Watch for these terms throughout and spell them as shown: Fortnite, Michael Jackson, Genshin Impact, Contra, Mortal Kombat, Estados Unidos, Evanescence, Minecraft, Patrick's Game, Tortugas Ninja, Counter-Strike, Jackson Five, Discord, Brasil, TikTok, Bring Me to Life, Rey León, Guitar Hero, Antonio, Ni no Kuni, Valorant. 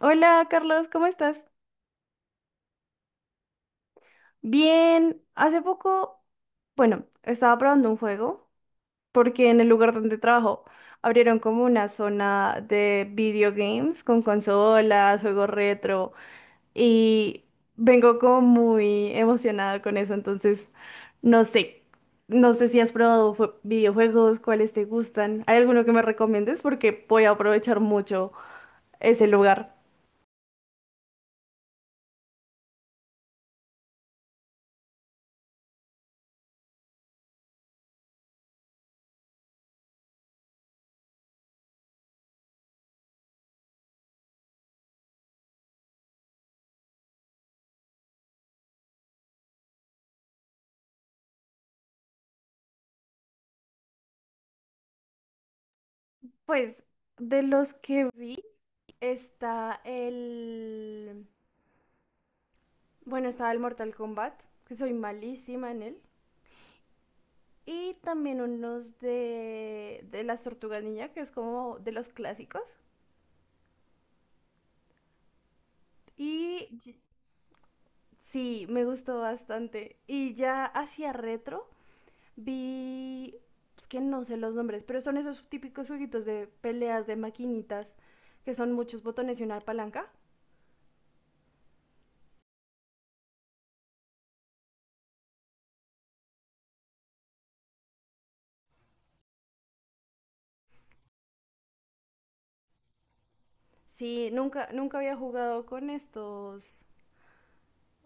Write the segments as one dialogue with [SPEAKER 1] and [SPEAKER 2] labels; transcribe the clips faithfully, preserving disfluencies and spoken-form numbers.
[SPEAKER 1] Hola Carlos, ¿cómo estás? Bien, hace poco, bueno, estaba probando un juego porque en el lugar donde trabajo abrieron como una zona de video games con consolas, juegos retro y vengo como muy emocionada con eso, entonces no sé, no sé si has probado jue- videojuegos, cuáles te gustan, ¿hay alguno que me recomiendes? Porque voy a aprovechar mucho ese lugar. Pues de los que vi está el... bueno, estaba el Mortal Kombat, que soy malísima en él. Y también unos de, de las Tortugas Ninja, que es como de los clásicos. Y y- sí, me gustó bastante. Y ya hacia retro vi... es que no sé los nombres, pero son esos típicos jueguitos de peleas de maquinitas, que son muchos botones y una palanca. Sí, nunca, nunca había jugado con estos,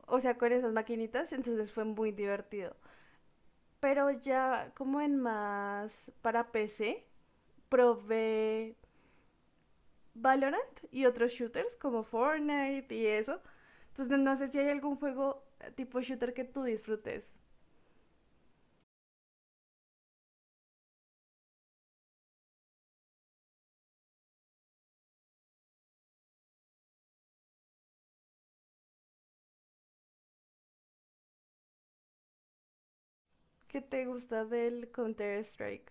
[SPEAKER 1] o sea, con esas maquinitas, entonces fue muy divertido. Pero ya como en más para P C, probé Valorant y otros shooters como Fortnite y eso. Entonces no sé si hay algún juego tipo shooter que tú disfrutes. ¿Qué te gusta del Counter-Strike?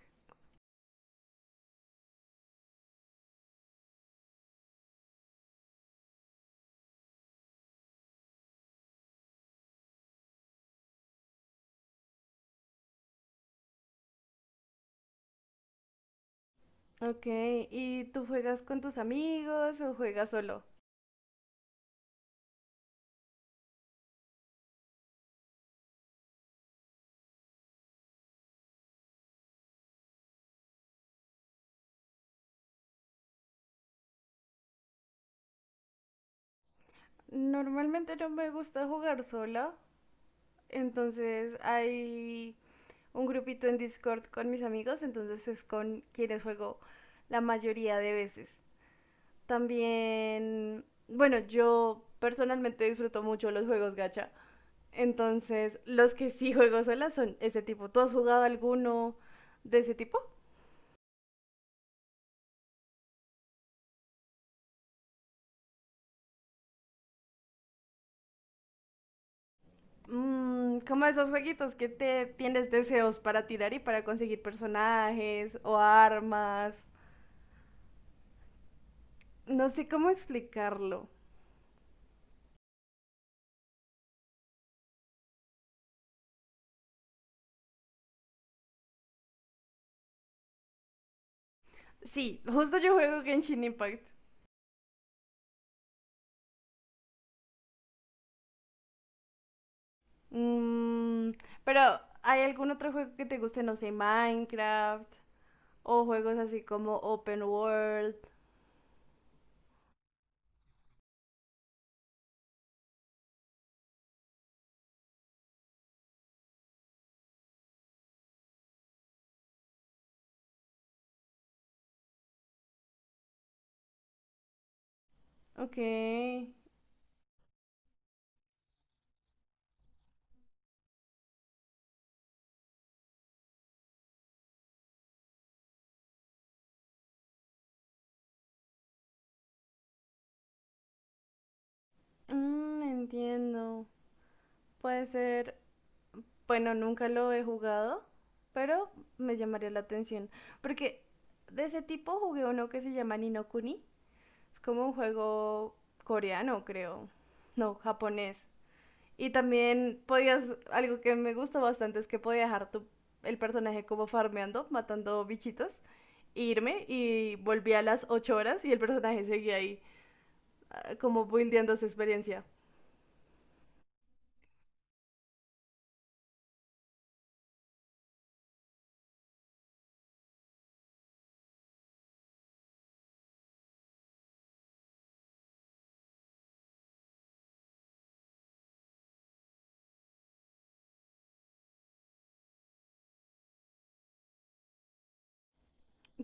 [SPEAKER 1] Ok, ¿y tú juegas con tus amigos o juegas solo? Normalmente no me gusta jugar sola, entonces hay un grupito en Discord con mis amigos, entonces es con quienes juego la mayoría de veces. También, bueno, yo personalmente disfruto mucho los juegos gacha. Entonces, los que sí juego sola son ese tipo. ¿Tú has jugado alguno de ese tipo? Mm, como esos jueguitos que te tienes deseos para tirar y para conseguir personajes o armas. No sé cómo explicarlo. Sí, justo yo juego Genshin Impact. Mm, pero, ¿hay algún otro juego que te guste? No sé, Minecraft o juegos así como Open World. Ok, mm, entiendo. Puede ser, bueno, nunca lo he jugado, pero me llamaría la atención. Porque de ese tipo jugué uno que se llama Ni no Kuni. Es como un juego coreano, creo. No, japonés. Y también podías, algo que me gusta bastante es que podía dejar tu, el personaje como farmeando, matando bichitos, e irme y volví a las ocho horas y el personaje seguía ahí, ah, como buildeando su experiencia.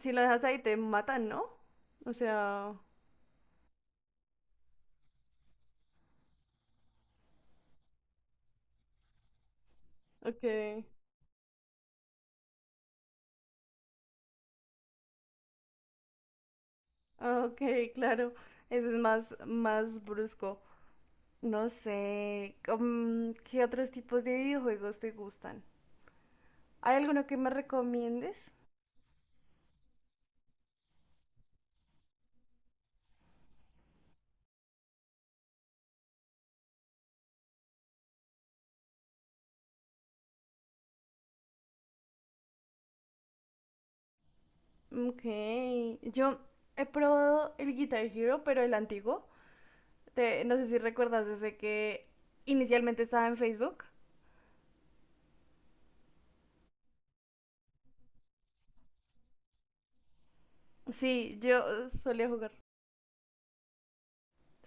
[SPEAKER 1] Si lo dejas ahí te matan, ¿no? O sea, ok, ah, ok, claro. Eso es más, más brusco. No sé, mm, ¿qué otros tipos de videojuegos te gustan? ¿Hay alguno que me recomiendes? Ok, yo he probado el Guitar Hero, pero el antiguo. Te- no sé si recuerdas ese que inicialmente estaba en Facebook. Sí, yo solía jugar.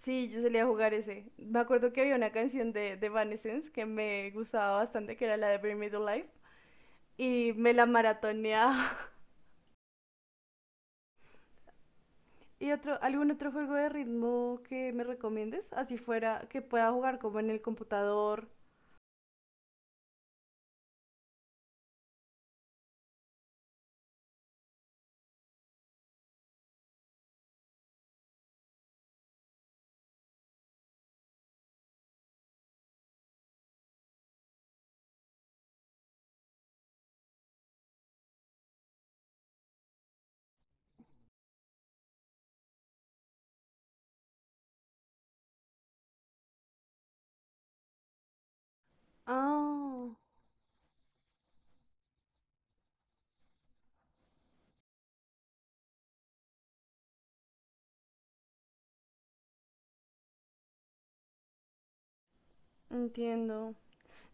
[SPEAKER 1] Sí, yo solía jugar ese. Me acuerdo que había una canción de, de Evanescence que me gustaba bastante, que era la de Bring Me to Life, y me la maratoneaba. ¿Y otro, algún otro juego de ritmo que me recomiendes? Así fuera, que pueda jugar como en el computador. Ah, entiendo.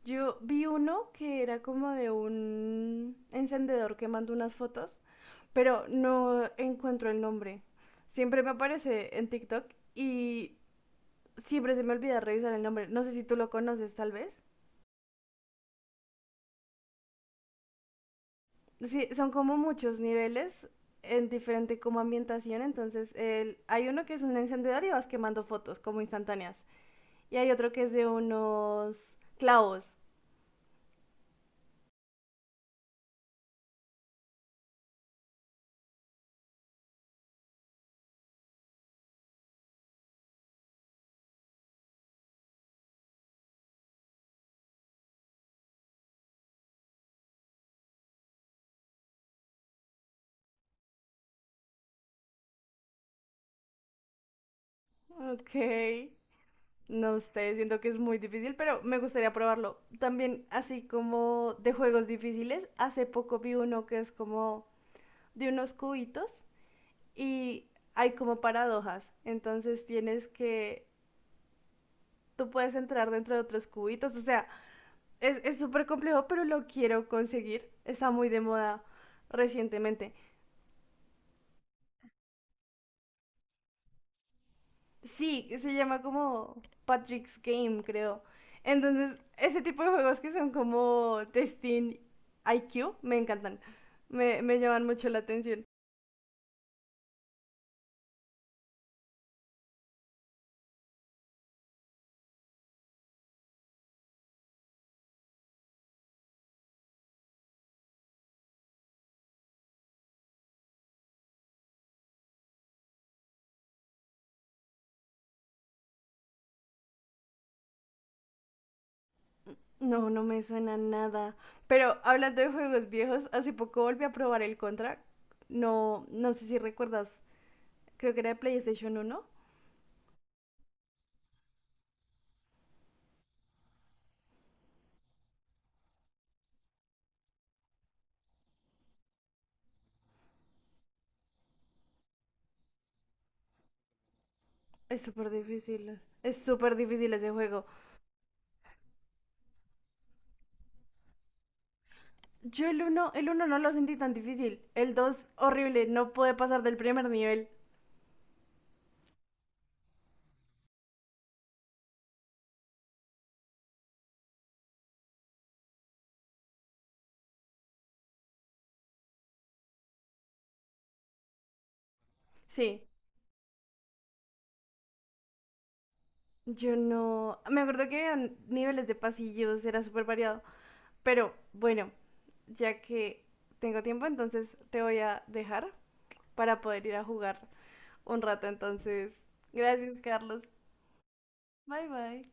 [SPEAKER 1] Yo vi uno que era como de un encendedor que mandó unas fotos, pero no encuentro el nombre. Siempre me aparece en TikTok y siempre se me olvida revisar el nombre. No sé si tú lo conoces, tal vez. Sí, son como muchos niveles en diferente como ambientación, entonces el- hay uno que es un encendedor y vas quemando fotos como instantáneas. Y hay otro que es de unos clavos. Ok. No sé, siento que es muy difícil, pero me gustaría probarlo. También, así como de juegos difíciles, hace poco vi uno que es como de unos cubitos y hay como paradojas. Entonces tienes que, tú puedes entrar dentro de otros cubitos. O sea, es es súper complejo, pero lo quiero conseguir. Está muy de moda recientemente. Sí, se llama como Patrick's Game, creo. Entonces, ese tipo de juegos que son como testing I Q, me encantan. Me, me llaman mucho la atención. No, no me suena nada. Pero hablando de juegos viejos, hace poco volví a probar el Contra. No, no sé si recuerdas, creo que era de PlayStation uno. Es súper difícil. Es súper difícil ese juego. Yo el uno, el uno no lo sentí tan difícil. El dos, horrible. No pude pasar del primer nivel. Sí, yo no, me acuerdo que había niveles de pasillos, era súper variado, pero bueno, ya que tengo tiempo, entonces te voy a dejar para poder ir a jugar un rato, entonces, gracias Carlos, bye bye.